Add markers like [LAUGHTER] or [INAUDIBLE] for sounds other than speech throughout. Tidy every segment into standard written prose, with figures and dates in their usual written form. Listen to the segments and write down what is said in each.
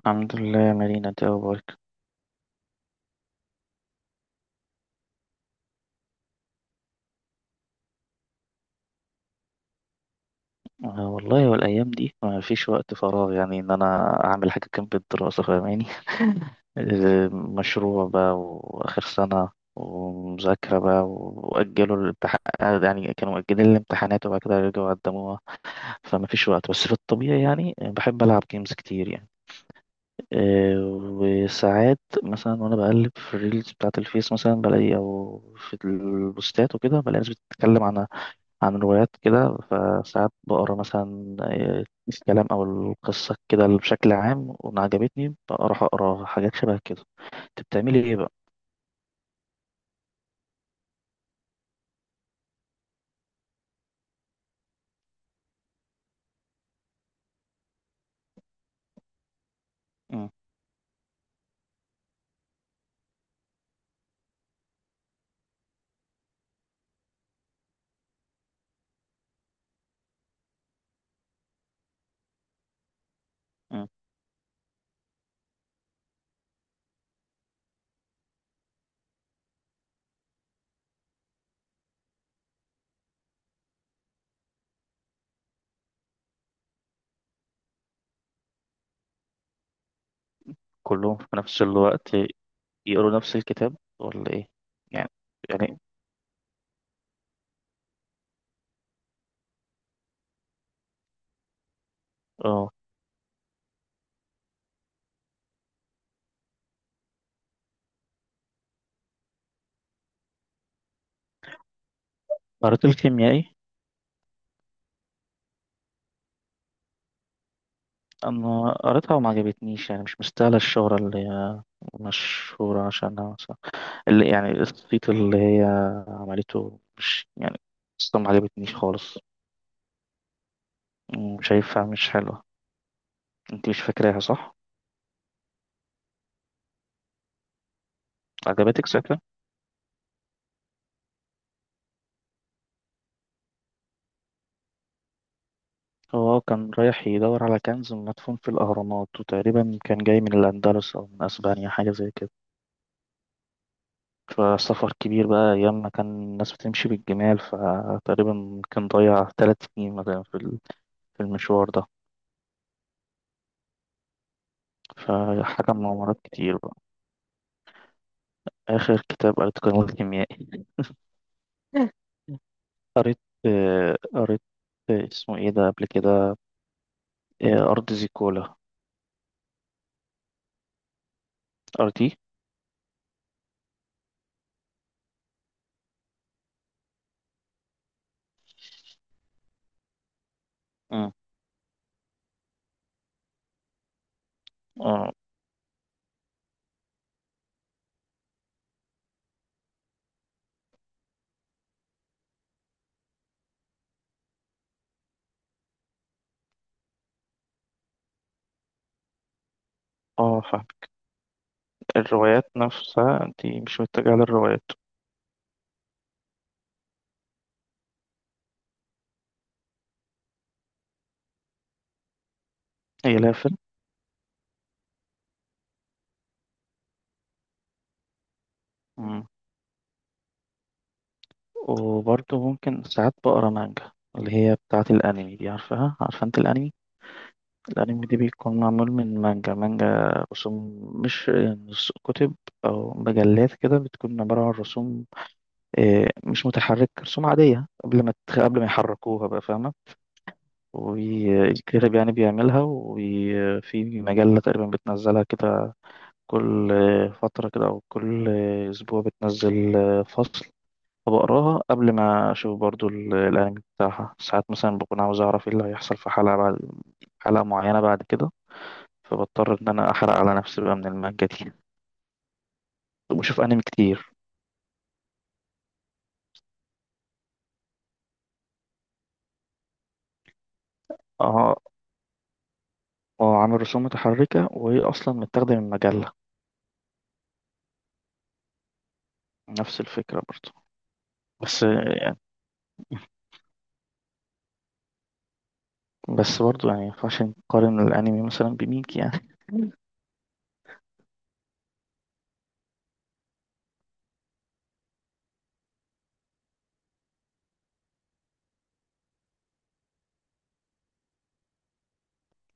الحمد لله يا مارينا، انت ايه اخبارك؟ آه والله والايام دي ما فيش وقت فراغ، يعني ان انا اعمل حاجه جنب الدراسه، فاهماني؟ مشروع بقى واخر سنه، ومذاكره بقى واجلوا الامتحان. يعني كانوا مؤجلين الامتحانات وبعد كده رجعوا قدموها، فما فيش وقت، بس في الطبيعي يعني بحب العب جيمز كتير يعني. آه، وساعات مثلا وانا بقلب في الريلز بتاعه الفيس مثلا بلاقي، او في البوستات وكده بلاقي ناس بتتكلم عن روايات كده، فساعات بقرا مثلا الكلام او القصه كده بشكل عام، وأنا عجبتني بروح اقرا حاجات شبه كده. انت بتعملي ايه بقى؟ مم. مم. كلهم في نفس الوقت يقروا نفس الكتاب ولا ايه؟ يعني يعني. اه قريت الكيميائي؟ انا قريتها وما عجبتنيش، يعني مش مستاهله الشهره اللي هي مشهوره عشانها مثلا، اللي يعني الصيت اللي هي عملته، مش يعني قصة ما عجبتنيش خالص. شايفها مش حلوه. انت مش فاكراها صح؟ عجبتك ساعتها؟ هو كان رايح يدور على كنز مدفون في الاهرامات، وتقريبا كان جاي من الاندلس او من اسبانيا حاجه زي كده. فسفر كبير بقى، ايام ما كان الناس بتمشي بالجمال، فتقريبا كان ضيع 3 سنين مثلا في المشوار ده. فحاجه مغامرات كتير بقى. اخر كتاب قريته كان الخيميائي. [LAUGHS] قريت قريت، اسمه ايه ده قبل كده، ارض زيكولا. ارضي. مم. اه. اه، الروايات نفسها دي مش متجهة للروايات. هي لها فيلم؟ مم. وبرضه ممكن ساعات بقرا مانجا، اللي هي بتاعة الأنمي دي، عارفها؟ عارفة أنت الأنمي؟ الأنمي دي بيكون معمول من مانجا. مانجا رسوم، مش كتب أو مجلات كده، بتكون عبارة عن رسوم. مش متحرك، رسوم عادية قبل ما يحركوها بقى، فاهمة؟ والكاتب يعني بيعملها، وفي مجلة تقريبا بتنزلها كده كل فترة كده، أو كل أسبوع بتنزل فصل. فبقراها قبل ما أشوف برضو الأنمي بتاعها، ساعات مثلا بكون عاوز أعرف إيه اللي هيحصل في حلقة بعد حلقة معينة بعد كده، فبضطر إن أنا أحرق على نفسي بقى من المانجا دي، وبشوف أنمي كتير. أه. أه، عامل رسوم متحركة وهي أصلا متاخدة من مجلة. نفس الفكرة برضو. بس يعني بس برضو يعني مينفعش نقارن الأنمي مثلا بميكي يعني. [LAUGHS]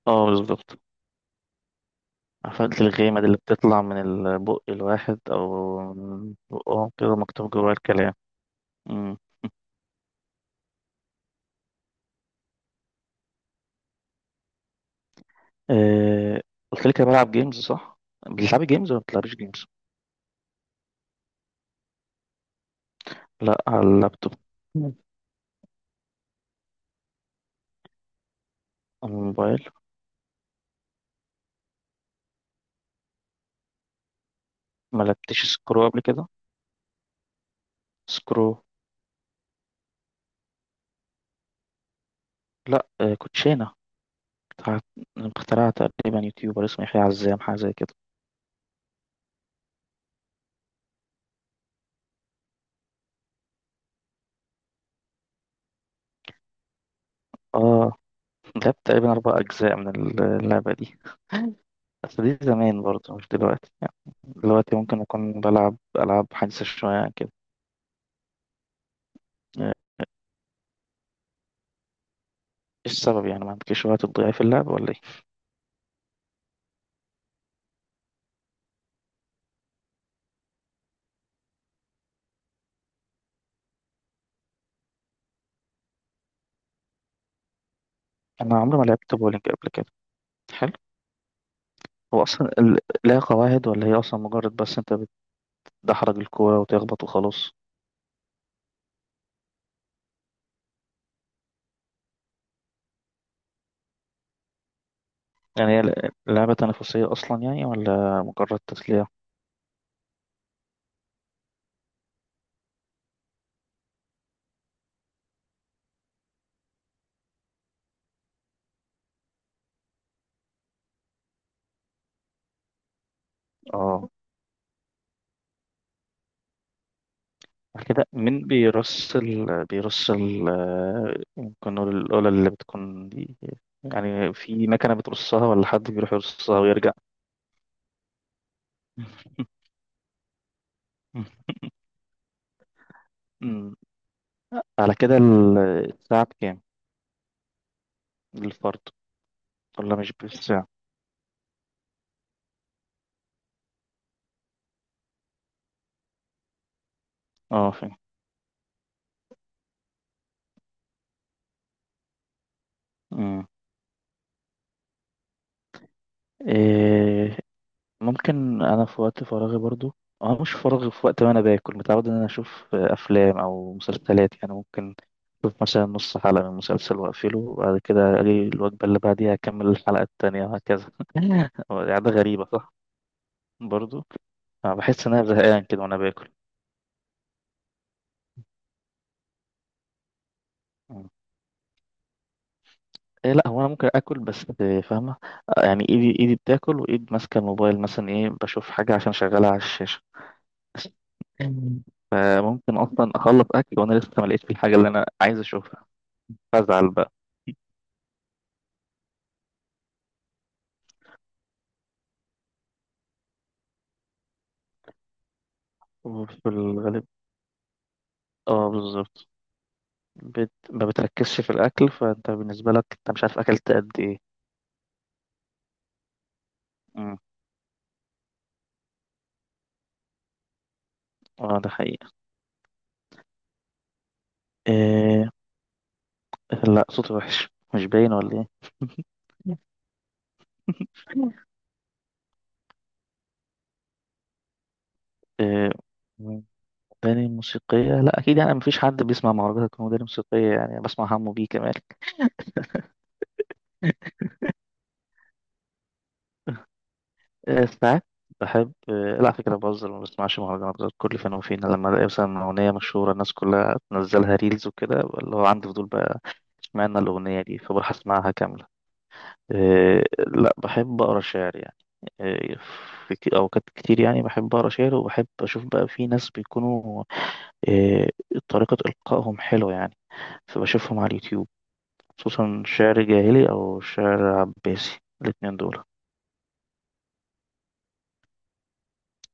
اه بالظبط. عفاريت الغيمة دي اللي بتطلع من البق الواحد أو من بقهم كده، مكتوب جواها الكلام. مم. آه، قلت لك أنا بلعب جيمز صح؟ بتلعبي جيمز ولا بتلعبيش جيمز؟ لا، على اللابتوب. مم. على الموبايل. ما لعبتش سكرو قبل كده؟ سكرو. لا، كوتشينة. بتاع اخترعها تقريبا يوتيوبر اسمه يحيى عزام حاجة زي كده. اه، لعبت تقريبا أربع أجزاء من اللعبة دي. [LAUGHS] بس دي زمان برضه مش دلوقتي يعني. دلوقتي ممكن أكون بلعب ألعاب حديثة شوية عن كده. آه، إيش السبب؟ يعني ما عندكش وقت تضيع في اللعب ولا إيه؟ أنا عمري ما لعبت بولينج قبل كده، حلو. هو أصلا لها قواعد ولا هي أصلا مجرد بس أنت بتدحرج الكورة وتخبط وخلاص؟ يعني هي لعبة تنافسية أصلا يعني ولا مجرد تسلية؟ آه. كده مين بيرص ال ممكن نقول الأولى اللي بتكون دي، يعني في مكنة بترصها ولا حد بيروح يرصها ويرجع؟ [LAUGHS] أمم. على كده الساعة بكام للفرد ولا مش بالساعة؟ اه فاهم. أمم. إيه، ممكن أنا في وقت فراغي برضو، أنا مش فراغي، في وقت ما أنا باكل متعود إن أنا أشوف أفلام أو مسلسلات، يعني ممكن أشوف مثلا نص حلقة من مسلسل وأقفله وبعد كده أجي الوجبة اللي بعديها أكمل الحلقة التانية وهكذا. [LAUGHS] هو دي عادة غريبة صح؟ برضو أنا بحس إن أنا زهقان كده وأنا باكل. إيه، لا، هو انا ممكن اكل بس فاهمه. يعني ايدي بتاكل وايد ماسكه الموبايل مثلا، ايه بشوف حاجه عشان شغاله على الشاشه. [LAUGHS] مم. فممكن اصلا اخلص اكل وانا لسه ما لقيتش الحاجه اللي انا عايز اشوفها، فازعل بقى. وفي الغالب، اه بالظبط. ما بتركزش في الاكل، فانت بالنسبه لك انت مش عارف اكلت قد ايه. مم. اه ده حقيقه. إيه... لا، صوتي وحش. مش باين ولا ايه؟ [LAUGHS] إيه... أغاني موسيقية، لا أكيد، يعني مفيش حد بيسمع مهرجانات هتكون أغاني موسيقية يعني، بسمع حمو بيه كمان. ساعات بحب لا على فكرة بهزر، ما بسمعش مهرجانات غير كل فين وفين لما ألاقي مثلا أغنية مشهورة الناس كلها تنزلها ريلز وكده، اللي هو عندي فضول بقى اشمعنى الأغنية دي، فبروح أسمعها كاملة. لا بحب أقرأ شعر يعني. آه، في أوقات كتير يعني بحب أقرأ شعر، وبحب أشوف بقى في ناس بيكونوا آه، طريقة إلقائهم حلوة يعني، فبشوفهم على اليوتيوب، خصوصا شعر جاهلي أو شعر عباسي الاتنين دول.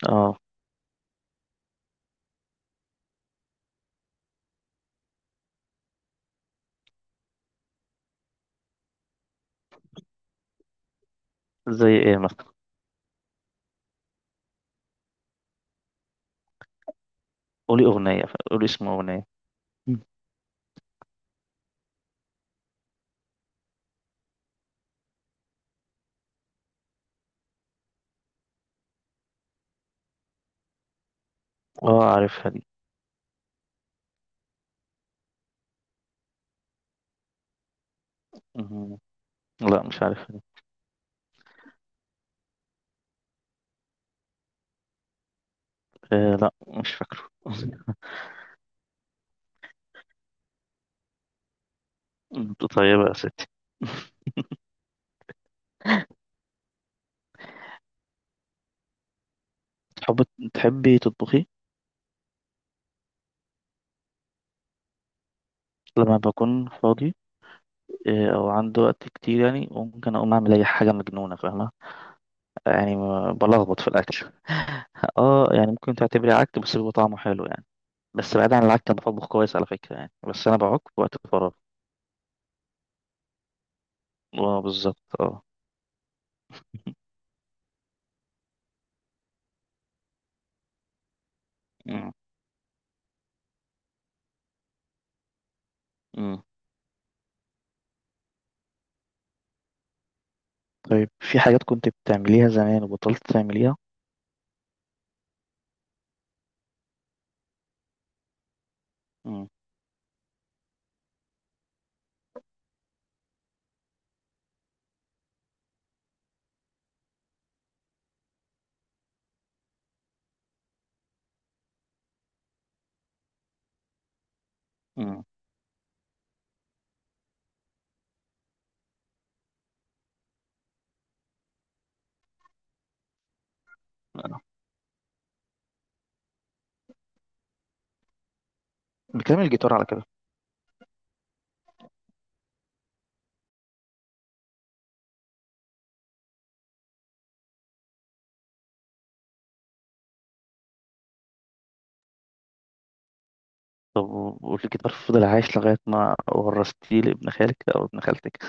اه، زي ايه مثلا؟ قولي أغنية، قولي اسم أغنية. مم. اه عارفها دي. مم. لا مش عارفها دي. آه، لا مش فاكره. [LAUGHS] مم. طيبة يا ستي. [LAUGHS] تحب تحبي تطبخي؟ لما بكون فاضي أو عندي وقت كتير يعني ممكن أقوم أعمل أي حاجة مجنونة، فاهمة؟ يعني بلخبط في الأكل. اه يعني ممكن تعتبري عك بس بيبقى طعمه حلو يعني. بس بعيد عن العك أنا بطبخ كويس على فكرة يعني، بس أنا بعك في وقت فراغ. اه بالظبط اه. مم. مم. طيب في حاجات كنت بتعمليها زمان وبطلت تعمليها؟ مم. مم. بكلام الجيتار على كده. طب والجيتار فضل عايش لغاية ما ورثتيه لابن خالك أو ابن خالتك؟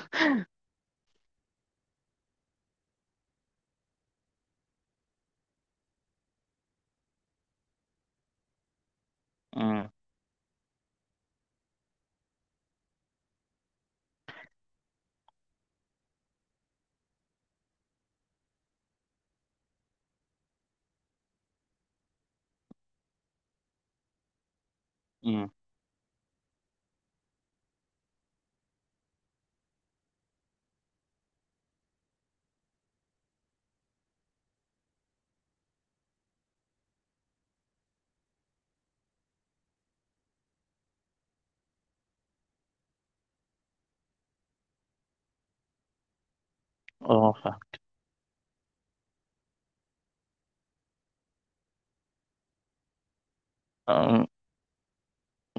مم. مم. اه فاهم. آه،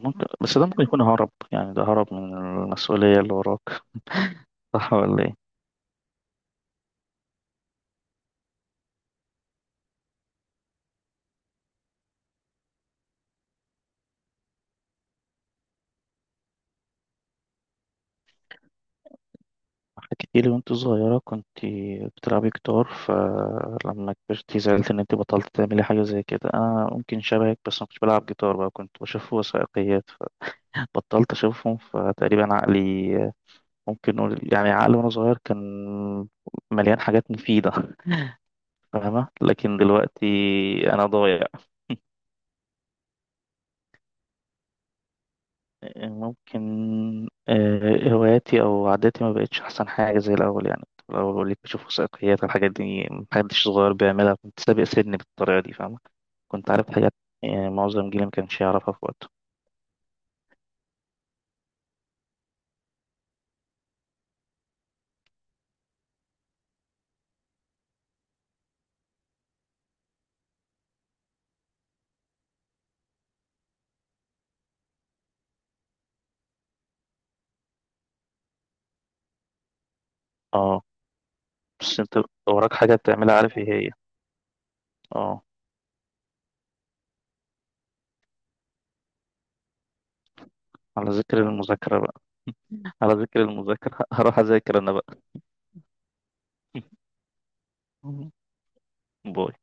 ممكن بس ده ممكن يكون هرب، يعني ده هرب من المسؤولية اللي وراك، صح ولا ايه؟ حكيتي لي وانت صغيرة كنت بتلعبي جيتار، فلما كبرتي زعلت ان انت بطلت تعملي حاجة زي كده. انا ممكن شبهك بس ما كنتش بلعب جيتار، بقى كنت بشوف وثائقيات فبطلت اشوفهم، فتقريبا عقلي ممكن نقول يعني عقلي وانا صغير كان مليان حاجات مفيدة، فاهمة؟ لكن دلوقتي انا ضايع. ممكن هواياتي او عاداتي ما بقتش احسن حاجه زي الاول يعني. الاول بقول لك بشوف وثائقيات، الحاجات دي محدش صغير بيعملها، كنت سابق سني بالطريقه دي، فاهمه؟ كنت عارف حاجات يعني معظم جيلي ما كانش يعرفها في وقته. اه، بس انت وراك حاجه بتعملها عارف ايه هي. اه. على ذكر المذاكره بقى. على ذكر المذاكره [LAUGHS] هروح اذاكر انا بقى. [LAUGHS] باي.